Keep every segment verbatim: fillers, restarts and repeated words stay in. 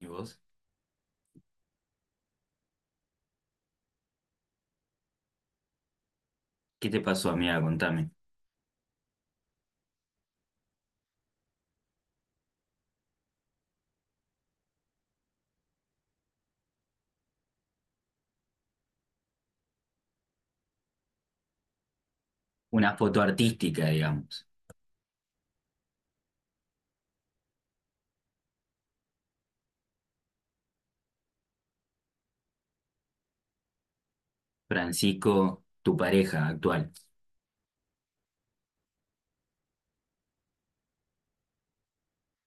¿Y vos? ¿Qué te pasó, amiga? Contame. Una foto artística, digamos. Francisco, tu pareja actual.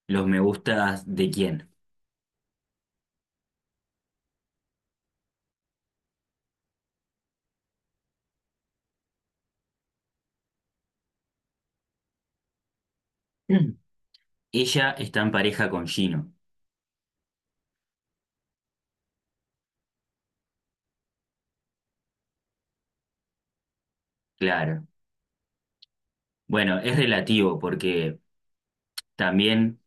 ¿Los me gustas de quién? Mm. Ella está en pareja con Gino. Claro. Bueno, es relativo porque también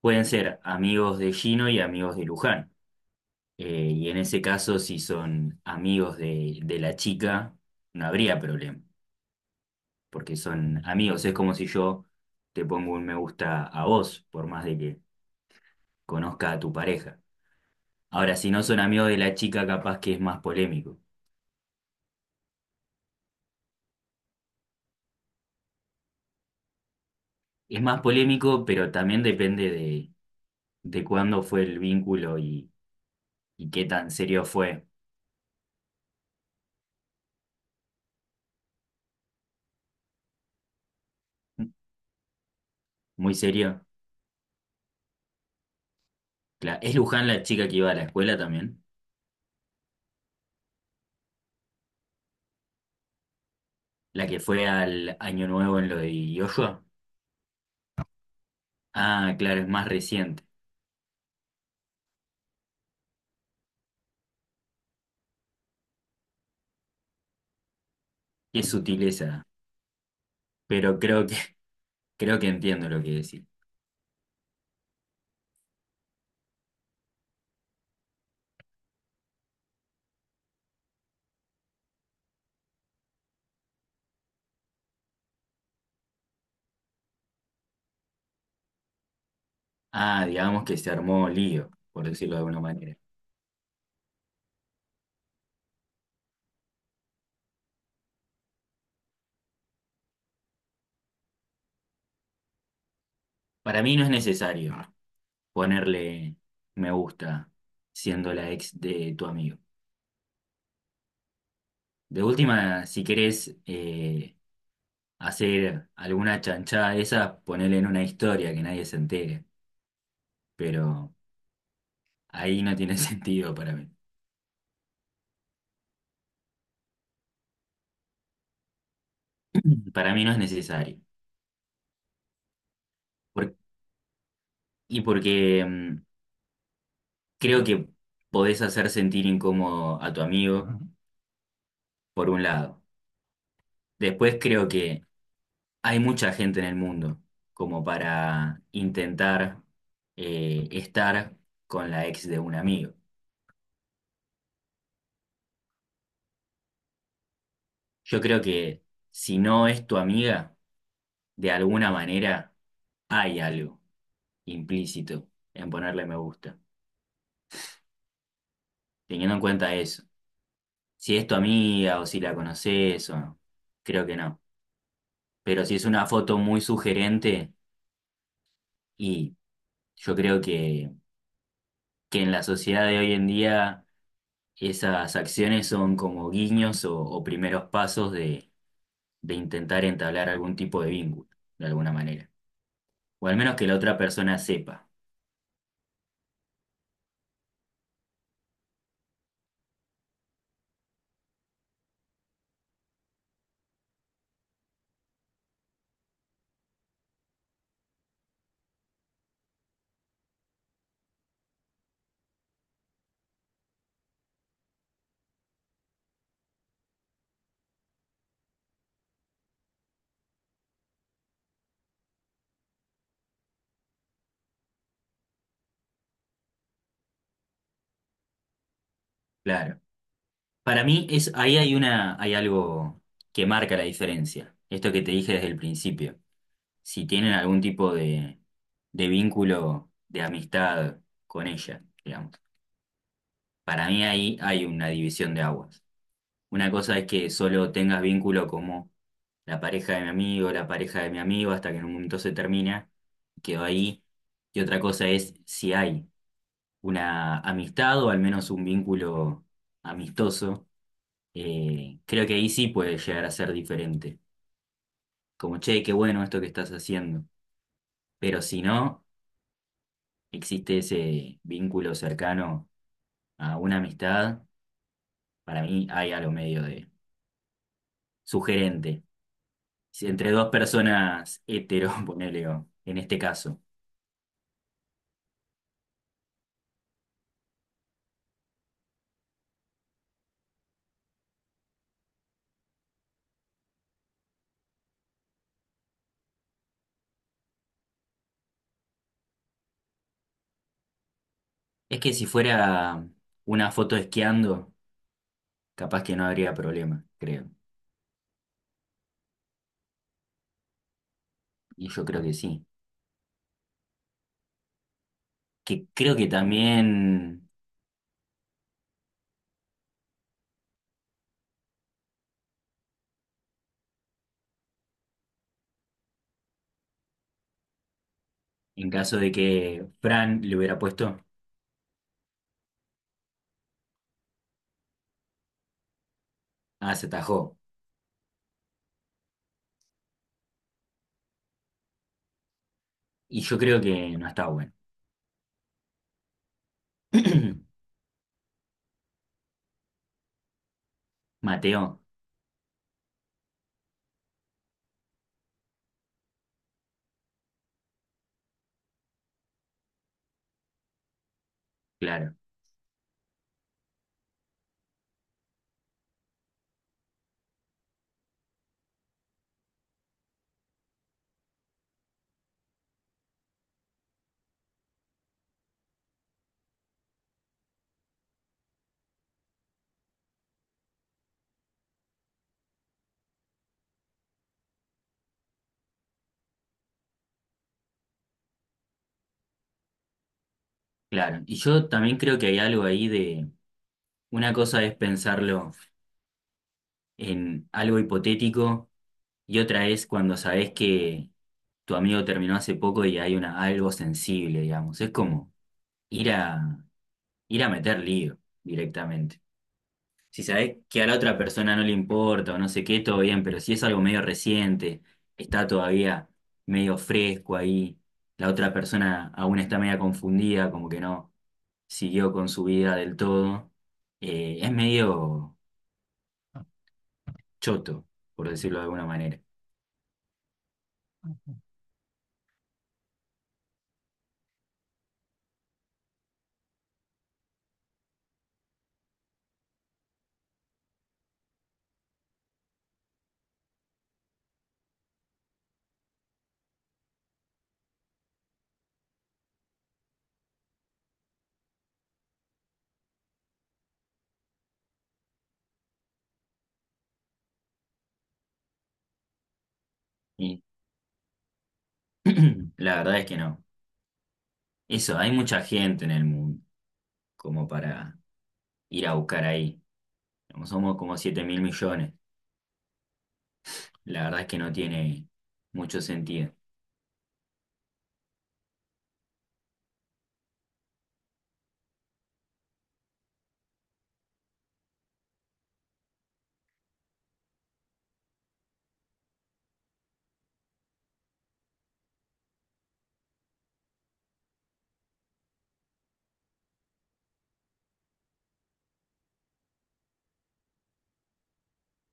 pueden ser amigos de Gino y amigos de Luján. Eh, y en ese caso, si son amigos de, de la chica, no habría problema, porque son amigos. Es como si yo te pongo un me gusta a vos, por más de que conozca a tu pareja. Ahora, si no son amigos de la chica, capaz que es más polémico. Es más polémico, pero también depende de, de cuándo fue el vínculo y, y qué tan serio fue. Muy serio. Cla- ¿Es Luján la chica que iba a la escuela también? ¿La que fue al Año Nuevo en lo de Yoshua? Ah, claro, es más reciente. Qué sutileza. Pero creo que, creo que entiendo lo que decís. Ah, digamos que se armó lío, por decirlo de alguna manera. Para mí no es necesario ponerle me gusta siendo la ex de tu amigo. De última, si querés, eh, hacer alguna chanchada de esas, ponele en una historia que nadie se entere, pero ahí no tiene sentido para mí. Para mí no es necesario. Por- y porque mm, creo que podés hacer sentir incómodo a tu amigo, por un lado. Después creo que hay mucha gente en el mundo como para intentar, eh, estar con la ex de un amigo. Yo creo que si no es tu amiga, de alguna manera hay algo implícito en ponerle me gusta, teniendo en cuenta eso. Si es tu amiga o si la conoces o no, creo que no. Pero si es una foto muy sugerente y yo creo que, que en la sociedad de hoy en día esas acciones son como guiños o, o primeros pasos de, de intentar entablar algún tipo de vínculo, de alguna manera. O al menos que la otra persona sepa, claro. Para mí es, ahí hay una, hay algo que marca la diferencia. Esto que te dije desde el principio. Si tienen algún tipo de, de vínculo de amistad con ella, digamos. Para mí ahí hay una división de aguas. Una cosa es que solo tengas vínculo como la pareja de mi amigo, la pareja de mi amigo, hasta que en un momento se termina, quedó ahí. Y otra cosa es si hay una amistad o al menos un vínculo amistoso. Eh, creo que ahí sí puede llegar a ser diferente. Como, che, qué bueno esto que estás haciendo. Pero si no, existe ese vínculo cercano a una amistad, para mí hay algo medio de sugerente. Si entre dos personas hetero, ponele, o en este caso. Es que si fuera una foto esquiando, capaz que no habría problema, creo. Y yo creo que sí. Que creo que también en caso de que Fran le hubiera puesto, ah, se atajó. Y yo creo que no está bueno. Mateo, claro, claro. Y yo también creo que hay algo ahí de, una cosa es pensarlo en algo hipotético y otra es cuando sabes que tu amigo terminó hace poco y hay una, algo sensible, digamos. Es como ir a ir a meter lío directamente. Si sabés que a la otra persona no le importa o no sé qué, todo bien, pero si es algo medio reciente, está todavía medio fresco ahí, la otra persona aún está media confundida, como que no siguió con su vida del todo, eh, es medio choto, por decirlo de alguna manera. Y la verdad es que no. Eso, hay mucha gente en el mundo como para ir a buscar ahí. Somos como siete mil millones. La verdad es que no tiene mucho sentido.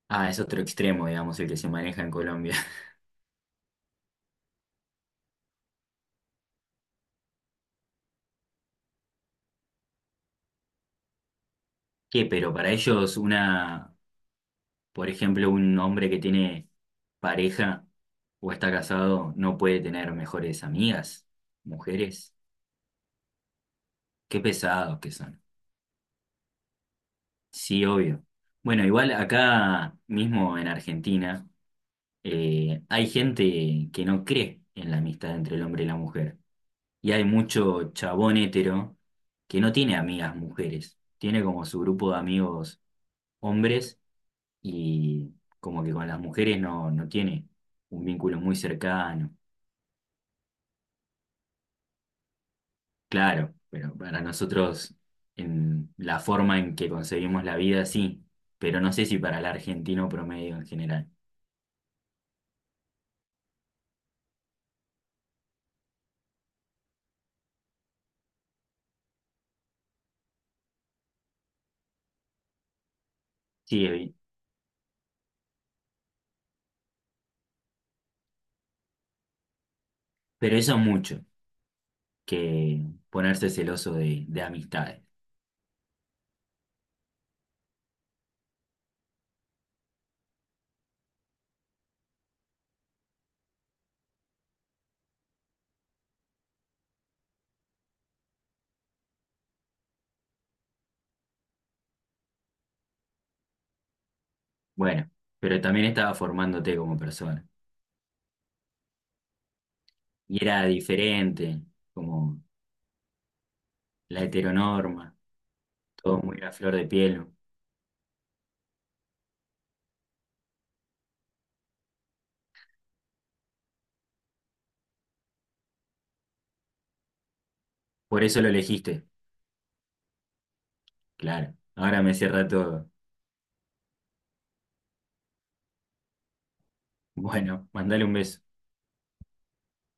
Ah, es otro extremo, digamos, el que se maneja en Colombia. ¿Qué? Pero para ellos una, por ejemplo, un hombre que tiene pareja o está casado no puede tener mejores amigas, mujeres. Qué pesados que son. Sí, obvio. Bueno, igual acá mismo en Argentina eh, hay gente que no cree en la amistad entre el hombre y la mujer. Y hay mucho chabón hétero que no tiene amigas mujeres, tiene como su grupo de amigos hombres y como que con las mujeres no, no tiene un vínculo muy cercano. Claro, pero para nosotros en la forma en que concebimos la vida sí, pero no sé si para el argentino promedio en general. Sí, Evi, pero eso es mucho, que ponerse celoso de, de amistades. Bueno, pero también estaba formándote como persona. Y era diferente, como la heteronorma, todo muy a flor de piel. Por eso lo elegiste, claro. Ahora me cierra todo. Bueno, mandale un beso.